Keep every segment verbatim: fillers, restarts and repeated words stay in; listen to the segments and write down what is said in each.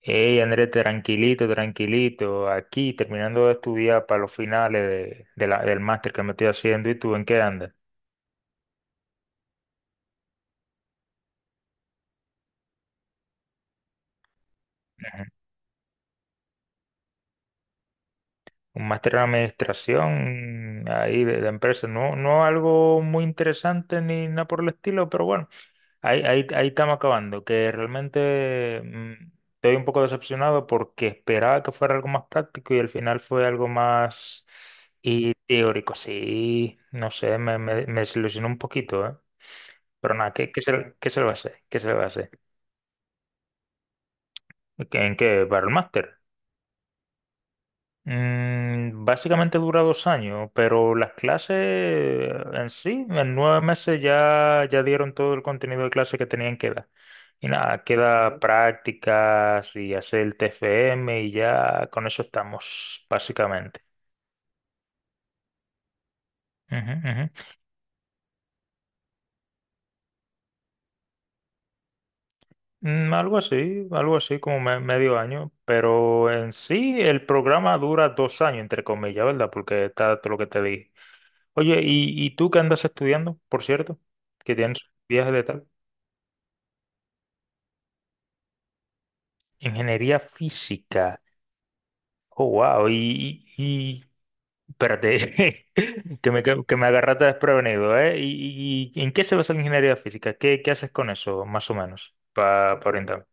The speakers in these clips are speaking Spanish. Hey, Andrés, tranquilito, tranquilito. Aquí terminando de estudiar para los finales de, de la- del máster que me estoy haciendo. ¿Y tú en qué andas? Ujú. Un máster en administración ahí de, de empresa. No, no algo muy interesante ni nada por el estilo, pero bueno, ahí, ahí, ahí estamos acabando. Que realmente mm, estoy un poco decepcionado porque esperaba que fuera algo más práctico y al final fue algo más y teórico. Sí, no sé, me, me, me desilusionó un poquito, ¿eh? Pero nada, ¿qué, qué se, le- ¿qué se le va a hacer? ¿Qué se le va a hacer? ¿Qué- ¿En ¿Battle Master? Mm, básicamente dura dos años, pero las clases en sí, en nueve meses ya, ya dieron todo el contenido de clase que tenían que dar. Y nada, queda prácticas y hacer el T F M y ya con eso estamos, básicamente. Ujú, ujú. Mm, algo así, algo así como me- medio año, pero en sí el programa dura dos años, entre comillas, ¿verdad? Porque está todo lo que te dije. Oye, ¿y, y tú qué andas estudiando, por cierto? Que tienes viajes de tal. Ingeniería física. Oh, wow. Y, y, y- espérate, que me, que, que me agarraste desprevenido, ¿eh? ¿Y, y- y en qué se basa la ingeniería física? ¿Qué, qué haces con eso, más o menos, para orientarme?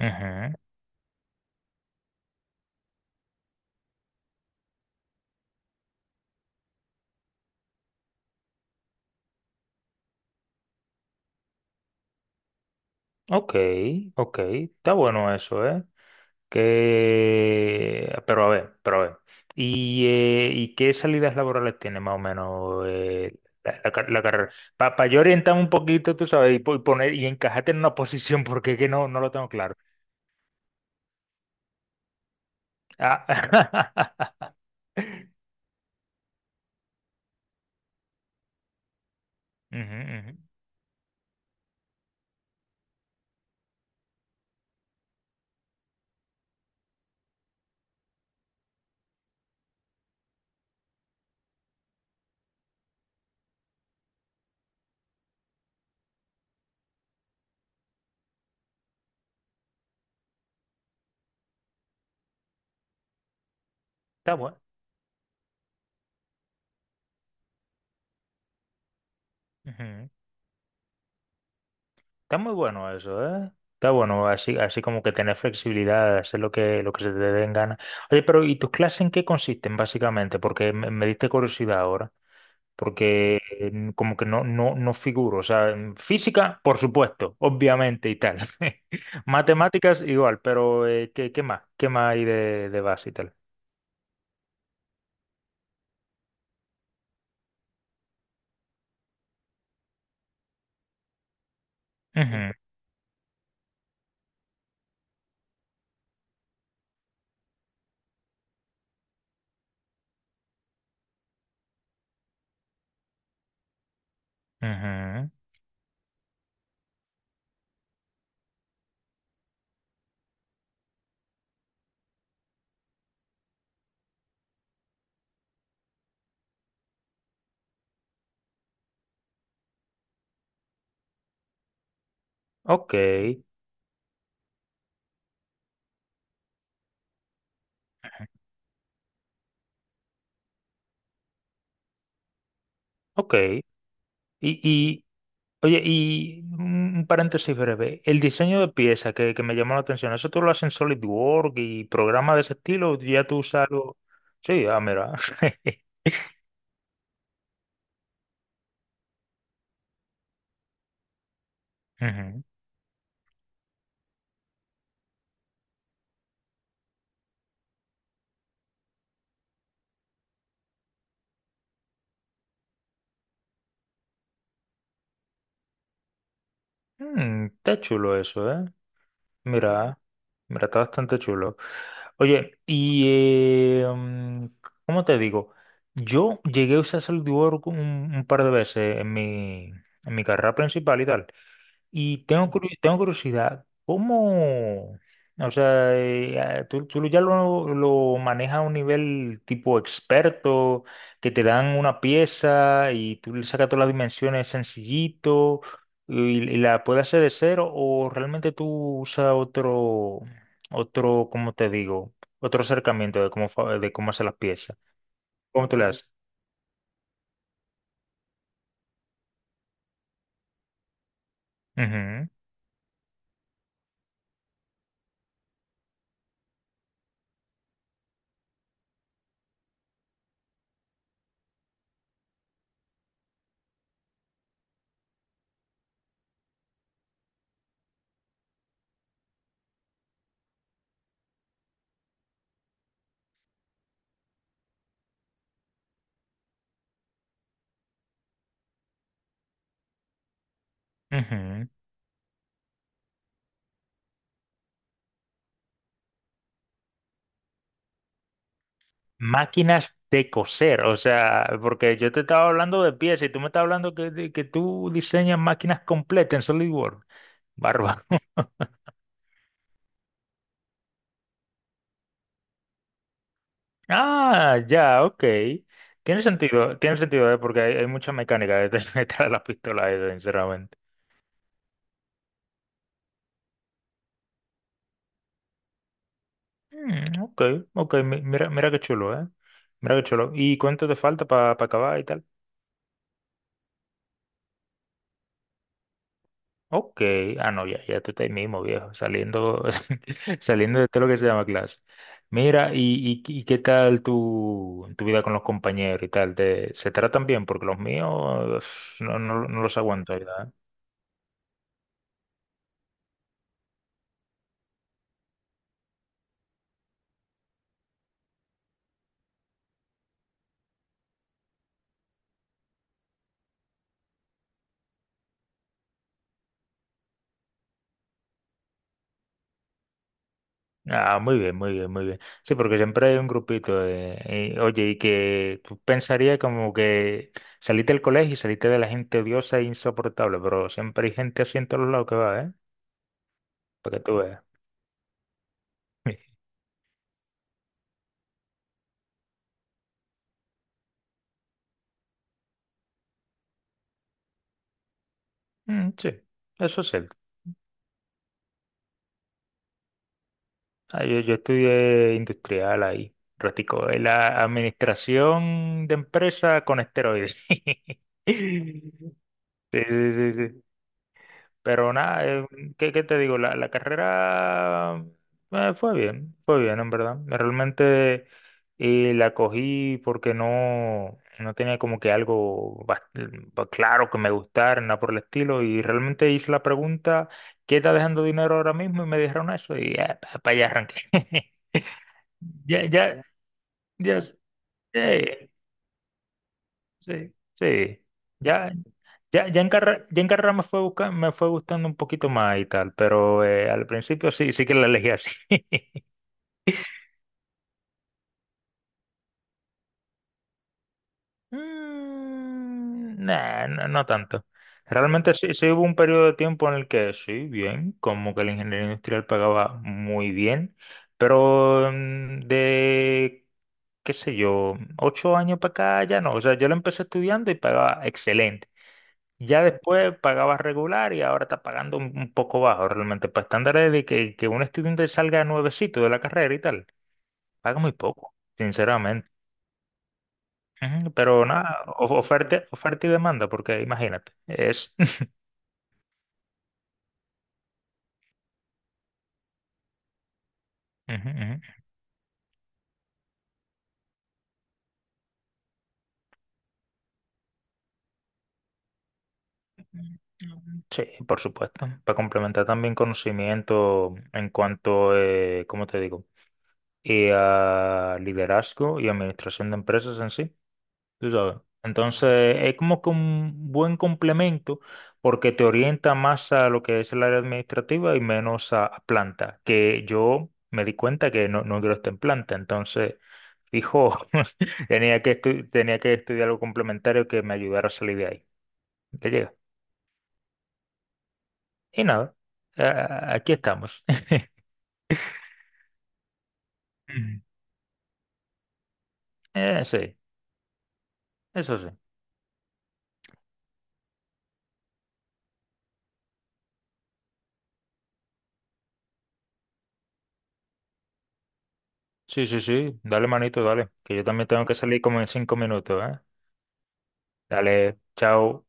Ujú. Ok, ok. Está bueno eso, ¿eh? Que, pero a ver, pero a ver. ¿Y, eh, ¿y qué salidas laborales tiene más o menos eh, la, la car- la carrera? Para yo orientar un poquito, tú sabes, y, po- y poner y encajarte en una posición porque es que no, no lo tengo claro. Ah, ujú, ujú. Está bueno. Ujú. Está muy bueno eso, ¿eh? Está bueno, así, así como que tener flexibilidad, hacer lo que, lo que se te den ganas. Oye, pero ¿y tus clases en qué consisten básicamente? Porque me, me diste curiosidad ahora. Porque eh, como que no, no, no figuro. O sea, en física, por supuesto, obviamente y tal. Matemáticas igual, pero eh, ¿qué, qué más? ¿Qué más hay de, de base y tal? Ujú, ujú. Ok, ok. Y, y, oye, y un un paréntesis breve. El diseño de pieza que, que me llamó la atención, ¿eso tú lo haces en SolidWorks y programas de ese estilo? ¿Ya tú usas algo? Sí, ah, mira. Ujú. Mm, está chulo eso, ¿eh? Mira, mira, está bastante chulo. Oye, y eh, mm, ¿cómo te digo? Yo llegué a usar SolidWorks un, un par de veces en mi, en mi carrera principal y tal. Y tengo, curi- tengo curiosidad, ¿cómo, o sea, eh, ah, tú, tú ya lo, lo manejas a un nivel tipo experto, que te dan una pieza y tú le sacas todas las dimensiones sencillito y, y la puedes hacer de cero o realmente tú usas otro, otro, ¿cómo te digo? Otro acercamiento de cómo, fa- de cómo hacer las piezas. ¿Cómo tú le haces? Ujú, ujú. Máquinas de coser, o sea, porque yo te estaba hablando de piezas y tú me estás hablando que, de- que tú diseñas máquinas completas en SolidWorks. Bárbaro. Ah, ya, ok. Tiene sentido, tiene sentido, ¿eh? Porque hay, hay mucha mecánica detrás detrás de la pistola, esa, sinceramente. Mm, ok, ok, mi- mira, mira qué chulo, ¿eh? Mira qué chulo. ¿Y cuánto te falta para acabar y tal? Ok, ah no, ya, ya tú estás ahí mismo, viejo, saliendo, saliendo de todo lo que se llama clase. Mira, y, y, y qué tal tu, tu vida con los compañeros y tal? ¿Te, se tratan bien? Porque los míos no, no, no los aguanto, ¿verdad? Ah, muy bien, muy bien, muy bien. Sí, porque siempre hay un grupito de, y, oye, y que tú pensarías como que saliste del colegio y saliste de la gente odiosa e insoportable, pero siempre hay gente así en todos lados que va, ¿eh? Para que tú veas. Mm, sí, eso es cierto. Ah, yo, yo estudié industrial ahí, ratico, en la administración de empresa con esteroides. Sí, sí, sí, sí. Pero nada, eh, ¿qué, qué te digo? La, la carrera eh, fue bien, fue bien, en verdad. Realmente eh, la cogí porque no, no tenía como que algo bas- ba- claro que me gustara, nada por el estilo. Y realmente hice la pregunta, ¿qué está dejando dinero ahora mismo? Y me dijeron eso y para allá arranqué. Ya, ya, ya, eh, sí, sí, ya, ya, ya en carrera, ya en carrera me fue busca- me fue gustando un poquito más y tal, pero eh, al principio sí, sí que la elegí así. Mm, nah, no, no tanto. Realmente sí, sí hubo un periodo de tiempo en el que sí, bien, como que la ingeniería industrial pagaba muy bien, pero mm, de, qué sé yo, ocho años para acá ya no. O sea, yo la empecé estudiando y pagaba excelente. Ya después pagabas regular y ahora está pagando un, un poco bajo realmente. Para estándares de que, que un estudiante salga nuevecito de la carrera y tal, paga muy poco, sinceramente. Ujú. Pero nada, of- oferta, oferta y demanda, porque imagínate, es... Ujú, ujú. Sí, por supuesto. Para complementar también conocimiento en cuanto, eh, ¿cómo te digo? Y a liderazgo y administración de empresas en sí. Tú sabes. Entonces, es como que un buen complemento porque te orienta más a lo que es el área administrativa y menos a, a planta, que yo me di cuenta que no, no quiero estar en planta. Entonces, fijo, tenía que, estu- tenía que estudiar algo complementario que me ayudara a salir de ahí. ¿Te llega? Y nada, a- aquí estamos. Ujú. Eh, sí, eso sí. Sí, sí, sí. Dale, manito, dale. Que yo también tengo que salir como en cinco minutos, ¿eh? Dale, chao.